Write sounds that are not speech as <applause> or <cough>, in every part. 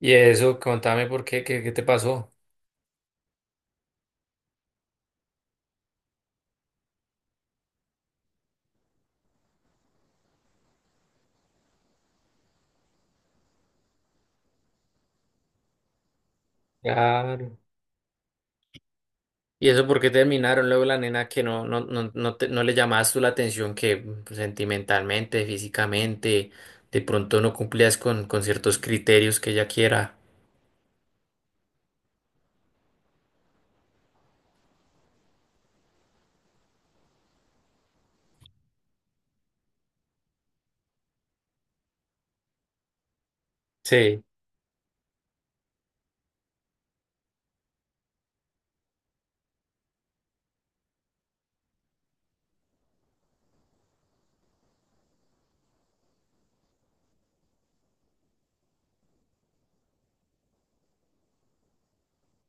Y eso, contame por qué, qué te pasó. Claro. Y eso, por qué terminaron luego la nena que no le llamabas tú la atención, que pues, sentimentalmente, físicamente, de pronto no cumplías con ciertos criterios que ella quiera. Sí,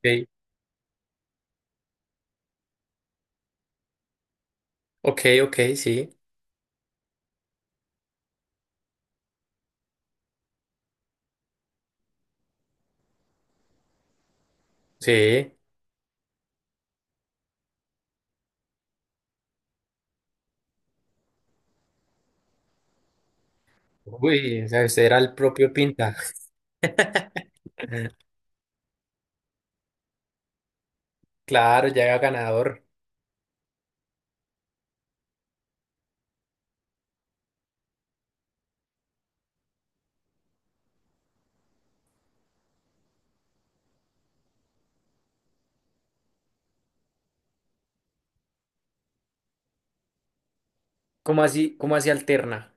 sí. Ok, ok, sí, sí. Uy, o sea, usted era el propio Pinta. <laughs> Claro, ya era ganador. Cómo así alterna?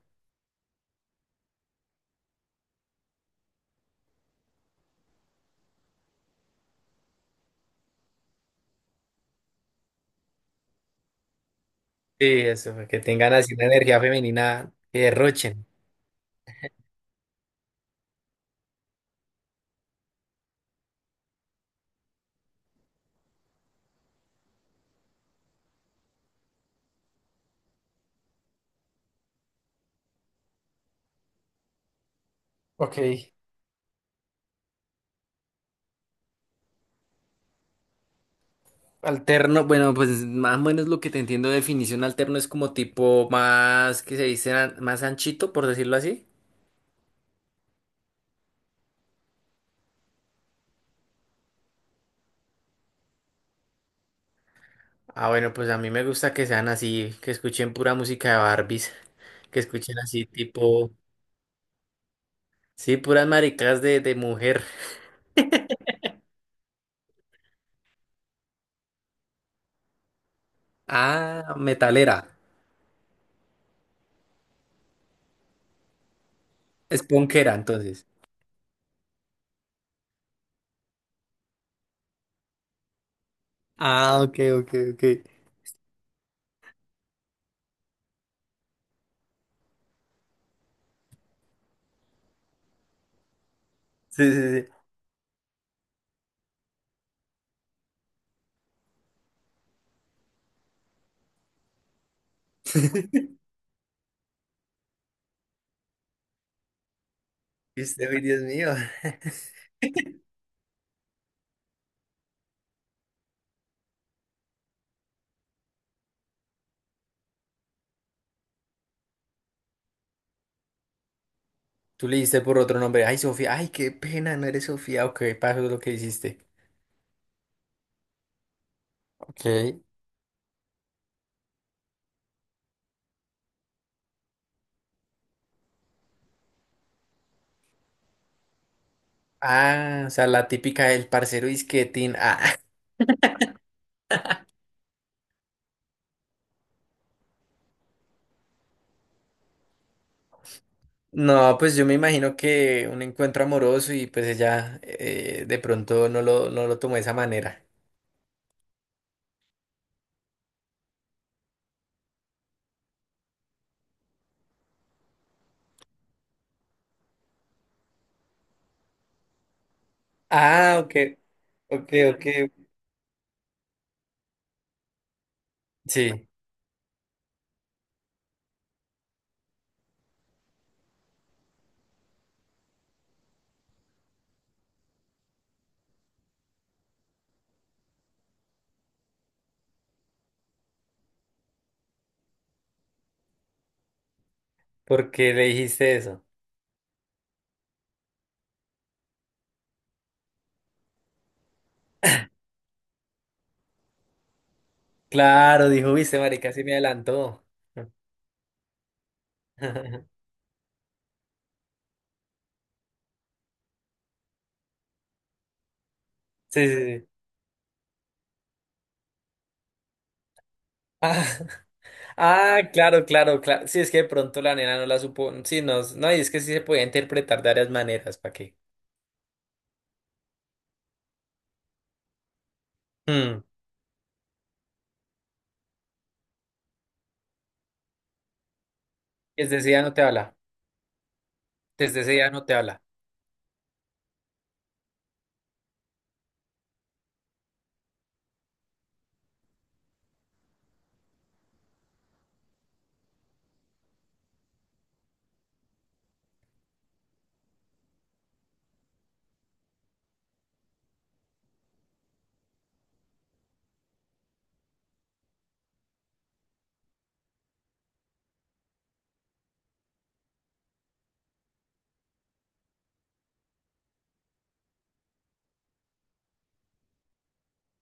Sí, eso, que tengan así una energía femenina que derrochen. Ok. Alterno, bueno, pues más o menos lo que te entiendo de definición alterno es como tipo más, que se dice, más anchito, por decirlo así. Ah, bueno, pues a mí me gusta que sean así, que escuchen pura música de Barbies, que escuchen así tipo, sí, puras maricas de mujer. Ah, metalera, es punkera entonces. Ah, ok, ok, ok. Sí, sí, sí. Y usted, uy, Dios mío. Tú le diste por otro nombre. Ay, Sofía. Ay, qué pena, no eres Sofía. Ok, pasó lo que hiciste. Ok. Ah, o sea, la típica del parcero disquetín. Ah, <laughs> no, pues yo me imagino que un encuentro amoroso y pues ella de pronto no lo tomó de esa manera. Ah, ok, ok, ok. Sí, ¿porque le dijiste eso? Claro, dijo, viste, marica, sí me adelantó. <laughs> Sí, sí, sí. Ah, <laughs> ah, claro, claro, claro. Sí, es que de pronto la nena no la supo. Sí, no, no, y es que sí se podía interpretar de varias maneras, ¿para qué? Mm. Desde ese día no te habla. Desde ese día no te habla.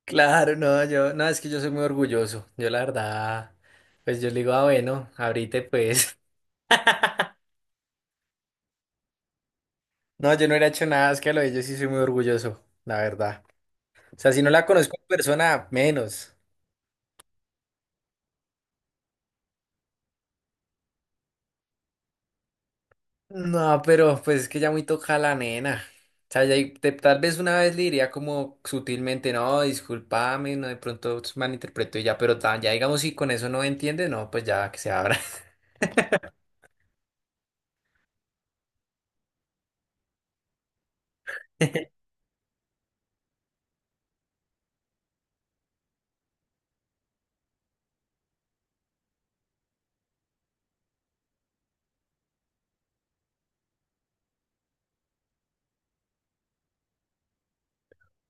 Claro, no, yo, no, es que yo soy muy orgulloso. Yo la verdad, pues yo le digo, ah, bueno, ahorita pues. <laughs> No, yo no hubiera hecho nada, es que a lo de ellos sí soy muy orgulloso, la verdad. O sea, si no la conozco en persona, menos. No, pero pues es que ya muy toca la nena. O sea, ya tal vez una vez le diría como sutilmente, no, discúlpame, no, de pronto malinterpreto y ya, pero tan, ya digamos si con eso no entiende, no, pues ya que se abra. <laughs>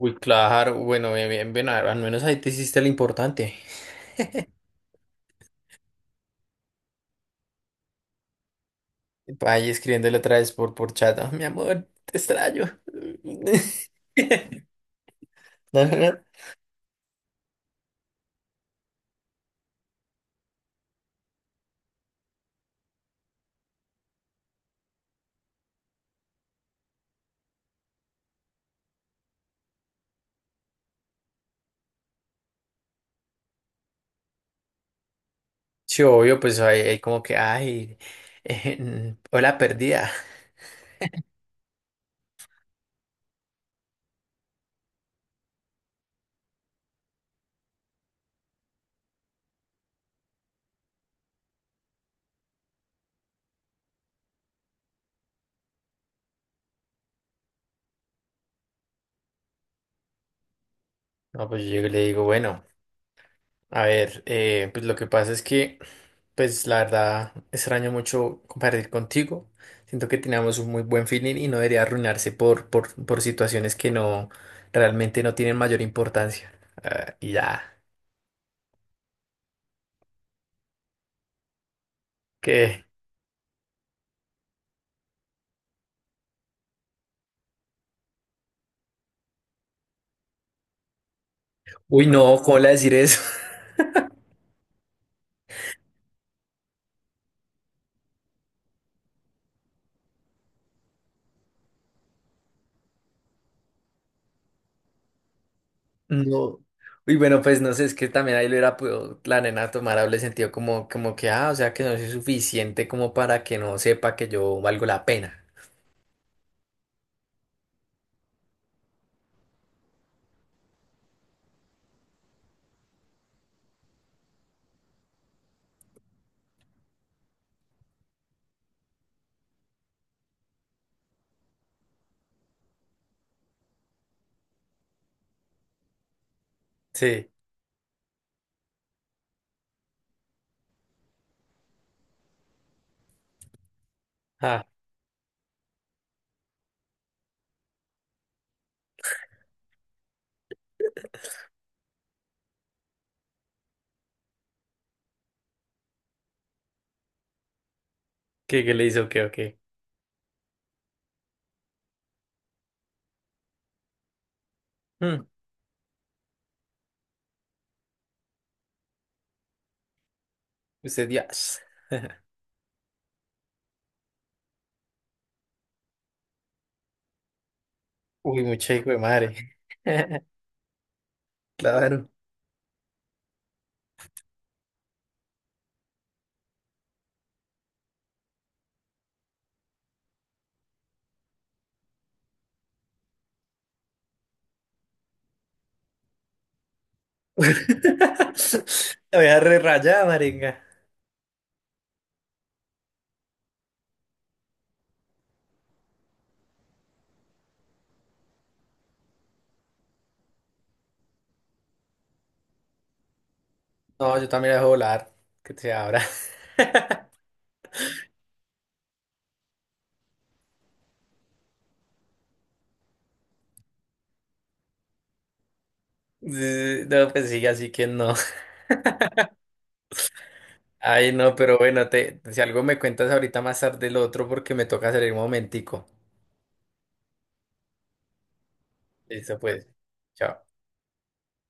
Uy, claro, bueno, bien, bien, bien, al menos ahí te hiciste lo importante. Ahí escribiéndole otra vez por chat. "Ah, mi amor, te extraño. <laughs> No, no, no. Sí, obvio, pues hay como que, ay, hola perdida. No, pues yo le digo, bueno, a ver, pues lo que pasa es que, pues la verdad, extraño mucho compartir contigo. Siento que teníamos un muy buen feeling y no debería arruinarse por situaciones que realmente no tienen mayor importancia. Ah, y ya, que, uy, no, ¿cómo le voy a decir eso? No. Uy, bueno, pues no sé, es que también ahí lo era podido la nena tomar doble sentido como, como que, ah, o sea que no soy suficiente como para que no sepa que yo valgo la pena. Sí. Ah, ¿qué, qué le hizo? ¿Qué, o qué? Mm. Usted ya. Uy, mucha hijo de madre. <laughs> Claro. <laughs> La voy a re rayada, maringa. No, yo también la dejo volar. Que te abra. <laughs> Sí, sí. No, pues sigue así que no. Ay, no, pero bueno, te, si algo me cuentas ahorita más tarde el otro porque me toca salir un momentico. Listo, pues. Chao.